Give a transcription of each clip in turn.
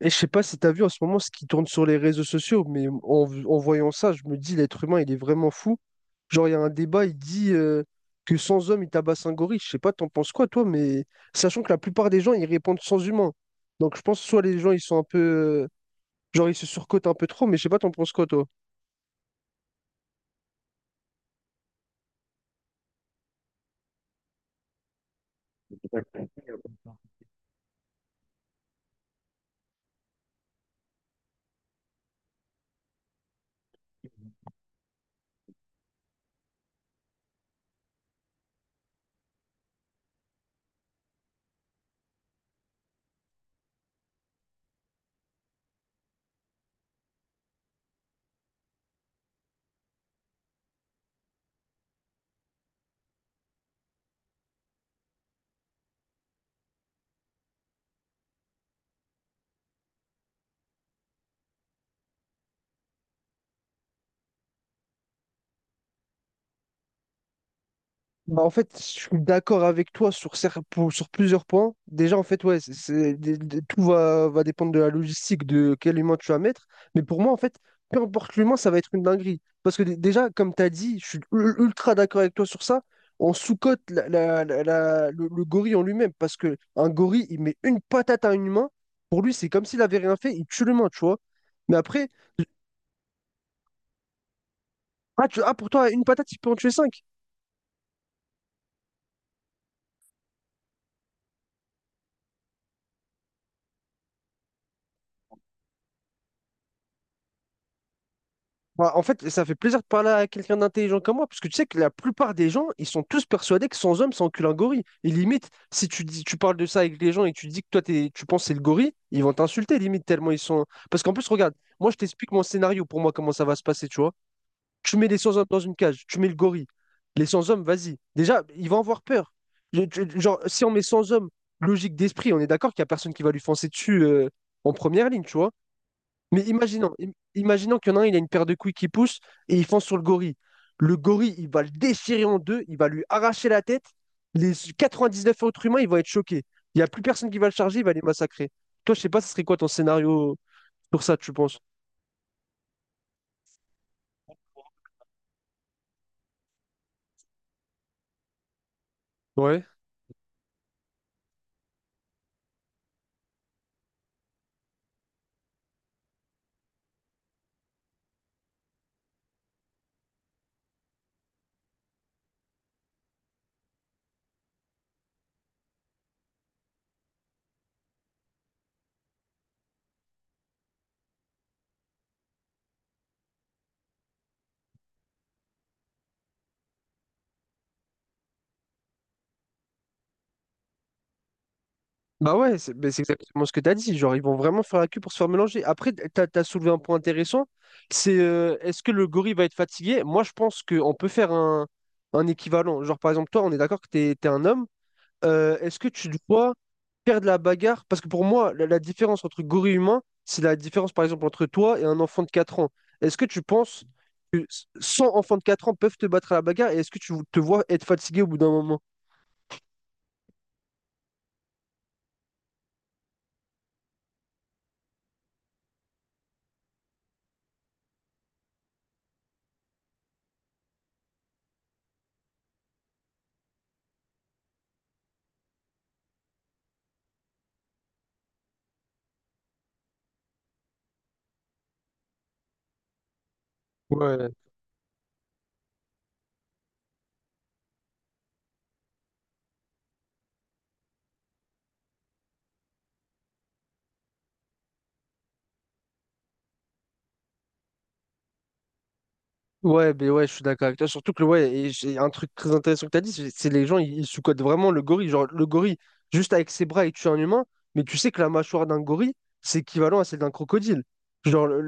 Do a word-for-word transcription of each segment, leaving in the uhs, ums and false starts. Et je sais pas si tu as vu en ce moment ce qui tourne sur les réseaux sociaux, mais en, v- en voyant ça, je me dis l'être humain, il est vraiment fou. Genre, il y a un débat, il dit euh, que sans homme, il tabasse un gorille. Je sais pas, t'en penses quoi, toi, mais sachant que la plupart des gens, ils répondent sans humain. Donc, je pense soit les gens, ils sont un peu, euh, genre, ils se surcotent un peu trop, mais je sais pas, t'en penses quoi, toi? Bah, en fait, je suis d'accord avec toi sur, cer- pour- sur plusieurs points. Déjà, en fait, ouais, c'est, c'est- de- de- tout va, va dépendre de la logistique, de quel humain tu vas mettre. Mais pour moi, en fait, peu importe l'humain, ça va être une dinguerie. Parce que dé- déjà, comme tu as dit, je suis ul- ultra d'accord avec toi sur ça. On sous-cote la- la- la- la- le, le gorille en lui-même. Parce que un gorille, il met une patate à un humain. Pour lui, c'est comme s'il avait rien fait, il tue l'humain, tu vois. Mais après, ah, tu, ah, pour toi, une patate, il peut en tuer cinq. Bah, en fait, ça fait plaisir de parler à quelqu'un d'intelligent comme moi, parce que tu sais que la plupart des gens, ils sont tous persuadés que sans homme, c'est cul, un gorille. Et limite, si tu dis, tu parles de ça avec les gens et tu dis que toi, t'es- tu penses que c'est le gorille, ils vont t'insulter, limite, tellement ils sont. Parce qu'en plus, regarde, moi, je t'explique mon scénario pour moi, comment ça va se passer, tu vois. Tu mets les sans-hommes dans une cage, tu mets le gorille. Les sans-hommes, vas-y. Déjà, ils vont avoir peur. Je- je- Genre, si on met sans-hommes, logique d'esprit, on est d'accord qu'il n'y a personne qui va lui foncer dessus euh, en première ligne, tu vois. Mais imaginons, im- imaginons qu'il y en a un, il a une paire de couilles qui pousse et il fonce sur le gorille. Le gorille, il va le déchirer en deux, il va lui arracher la tête. Les quatre-vingt-dix-neuf autres humains, ils vont être choqués. Il n'y a plus personne qui va le charger, il va les massacrer. Toi, je sais pas, ce serait quoi ton scénario pour ça, tu penses? Ouais. Bah ouais, c'est mais c'est exactement ce que tu as dit. Genre, ils vont vraiment faire la queue pour se faire mélanger. Après, tu as soulevé un point intéressant. C'est euh, est-ce que le gorille va être fatigué? Moi, je pense qu'on peut faire un, un équivalent. Genre, par exemple, toi, on est d'accord que tu es un homme. Euh, est-ce que tu dois faire de la bagarre, parce que pour moi, la, la différence entre gorille humain, c'est la différence, par exemple, entre toi et un enfant de quatre ans. Est-ce que tu penses que cent enfants de quatre ans peuvent te battre à la bagarre et est-ce que tu te vois être fatigué au bout d'un moment? Ouais, Ouais, ben ouais, je suis d'accord avec toi. Surtout que, ouais, et j'ai un truc très intéressant que tu as dit, c'est c'est les gens, ils, ils sous-cotent vraiment le gorille. Genre, le gorille, juste avec ses bras, il tue un humain, mais tu sais que la mâchoire d'un gorille, c'est équivalent à celle d'un crocodile. Genre, le,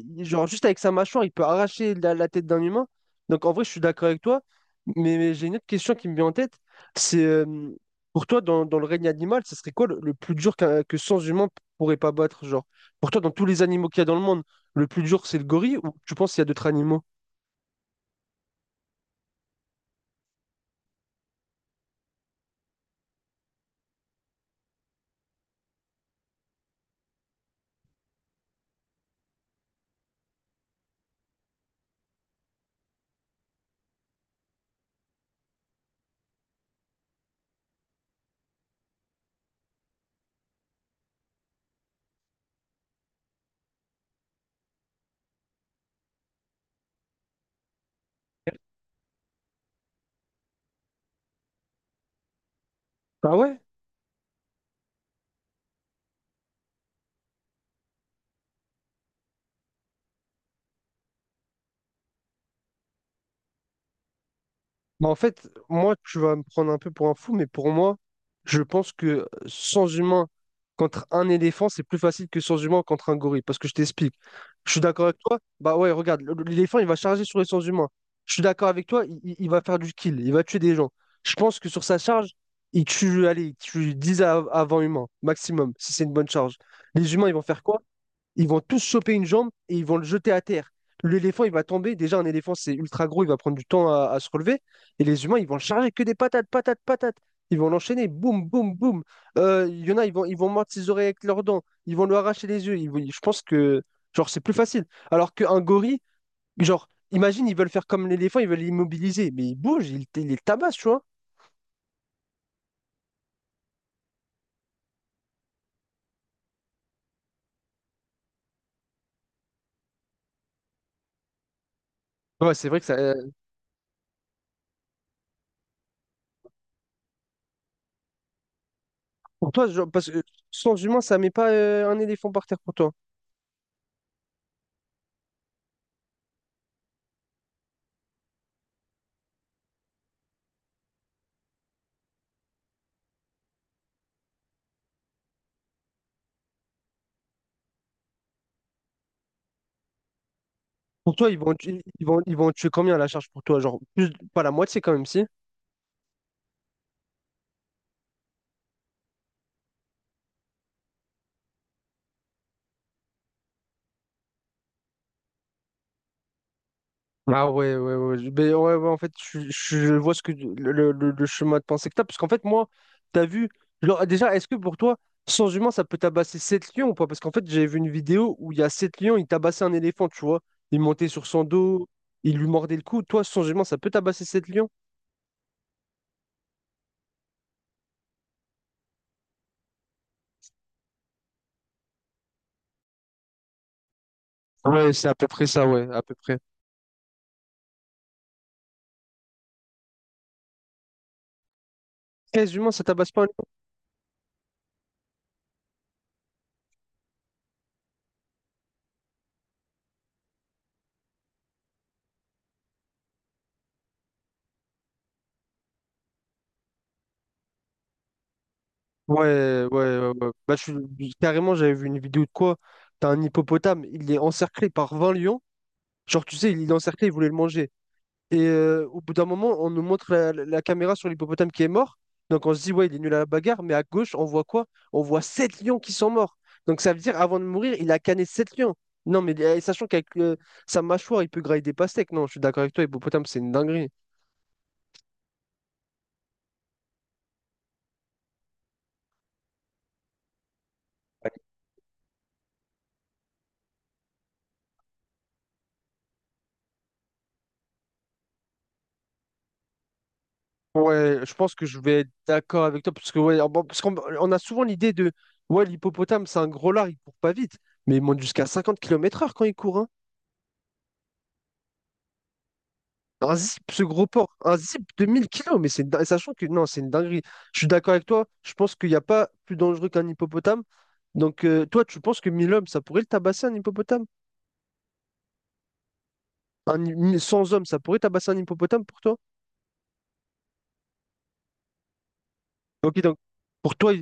le- genre, juste avec sa mâchoire, il peut arracher la, la tête d'un humain. Donc, en vrai, je suis d'accord avec toi, mais, mais j'ai une autre question qui me vient en tête. C'est, euh, pour toi, dans, dans le règne animal, ce serait quoi le, le plus dur qu'un- que sans humains pourraient pas battre? Genre, pour toi, dans tous les animaux qu'il y a dans le monde, le plus dur, c'est le gorille ou tu penses qu'il y a d'autres animaux? Ah ouais? Bah en fait, moi, tu vas me prendre un peu pour un fou, mais pour moi, je pense que sans humain contre un éléphant, c'est plus facile que sans humain contre un gorille. Parce que je t'explique. Je suis d'accord avec toi. Bah ouais, regarde, le- l'éléphant, il va charger sur les sans humains. Je suis d'accord avec toi, il, il- il va faire du kill, il va tuer des gens. Je pense que sur sa charge, il tue, allez, il tue dix av- avant-humains, maximum, si c'est une bonne charge. Les humains, ils vont faire quoi? Ils vont tous choper une jambe et ils vont le jeter à terre. L'éléphant, il va tomber. Déjà, un éléphant, c'est ultra gros, il va prendre du temps à, à se relever. Et les humains, ils vont le charger que des patates, patates, patates. Ils vont l'enchaîner, boum, boum, boum. Euh, Il y en a, ils vont, ils vont mordre ses oreilles avec leurs dents. Ils vont lui arracher les yeux. Ils vont- je pense que, genre, c'est plus facile. Alors qu'un gorille, genre, imagine, ils veulent faire comme l'éléphant, ils veulent l'immobiliser. Mais il bouge, il, il les tabasse, tu vois. Ouais, c'est vrai que ça. euh, pour toi, genre, parce que sans humain, ça met pas euh, un éléphant par terre pour toi. Pour toi, ils vont, tu- ils vont, ils vont tuer combien à la charge pour toi? Genre, plus, pas la moitié quand même, si? Ah ouais, ouais, ouais. Je- ben ouais, ouais, en fait, je, je vois ce que le, le- le- le chemin de pensée que t'as. Parce qu'en fait, moi, t'as vu. Genre, déjà, est-ce que pour toi, sans humain, ça peut tabasser sept lions ou pas? Parce qu'en fait, j'ai vu une vidéo où il y a sept lions, ils tabassaient un éléphant, tu vois. Ils montaient sur son dos, ils lui mordaient le cou. Toi, sans humain, ça peut tabasser sept lions? Ouais, c'est à peu près ça, ouais, à peu près. treize humains, ça tabasse pas. Ouais, ouais, ouais, ouais. Bah, je suis. Carrément, j'avais vu une vidéo de quoi? T'as un hippopotame, il est encerclé par vingt lions. Genre, tu sais, il est encerclé, il voulait le manger. Et euh, au bout d'un moment, on nous montre la, la- la caméra sur l'hippopotame qui est mort. Donc, on se dit, ouais, il est nul à la bagarre. Mais à gauche, on voit quoi? On voit sept lions qui sont morts. Donc, ça veut dire, avant de mourir, il a canné sept lions. Non, mais euh, sachant qu'avec euh, sa mâchoire, il peut grailler des pastèques. Non, je suis d'accord avec toi, hippopotame, c'est une dinguerie. Ouais, je pense que je vais être d'accord avec toi, parce que ouais, bon, parce qu'on on a souvent l'idée de ouais, l'hippopotame, c'est un gros lard, il court pas vite, mais il monte jusqu'à cinquante kilomètres heure quand il court, hein. Un zip, ce gros porc, un zip de mille kilos, mais c'est une din- sachant que non, c'est une dinguerie. Je suis d'accord avec toi, je pense qu'il n'y a pas plus dangereux qu'un hippopotame. Donc euh, toi, tu penses que mille hommes, ça pourrait le tabasser un hippopotame? Un, hi- cent hommes, ça pourrait tabasser un hippopotame pour toi? Ok, donc pour toi.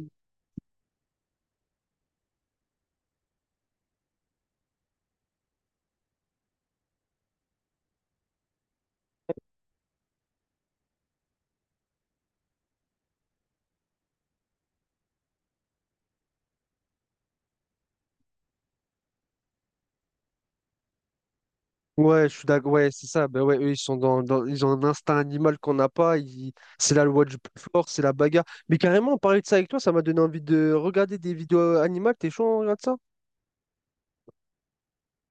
Ouais, je suis d'accord. Ouais, c'est ça. Ben ouais, eux, ils sont dans, dans- ils ont un instinct animal qu'on n'a pas. Ils- C'est la loi du plus fort, c'est la bagarre. Mais carrément, parler de ça avec toi, ça m'a donné envie de regarder des vidéos euh, animales. T'es chaud, on regarde ça?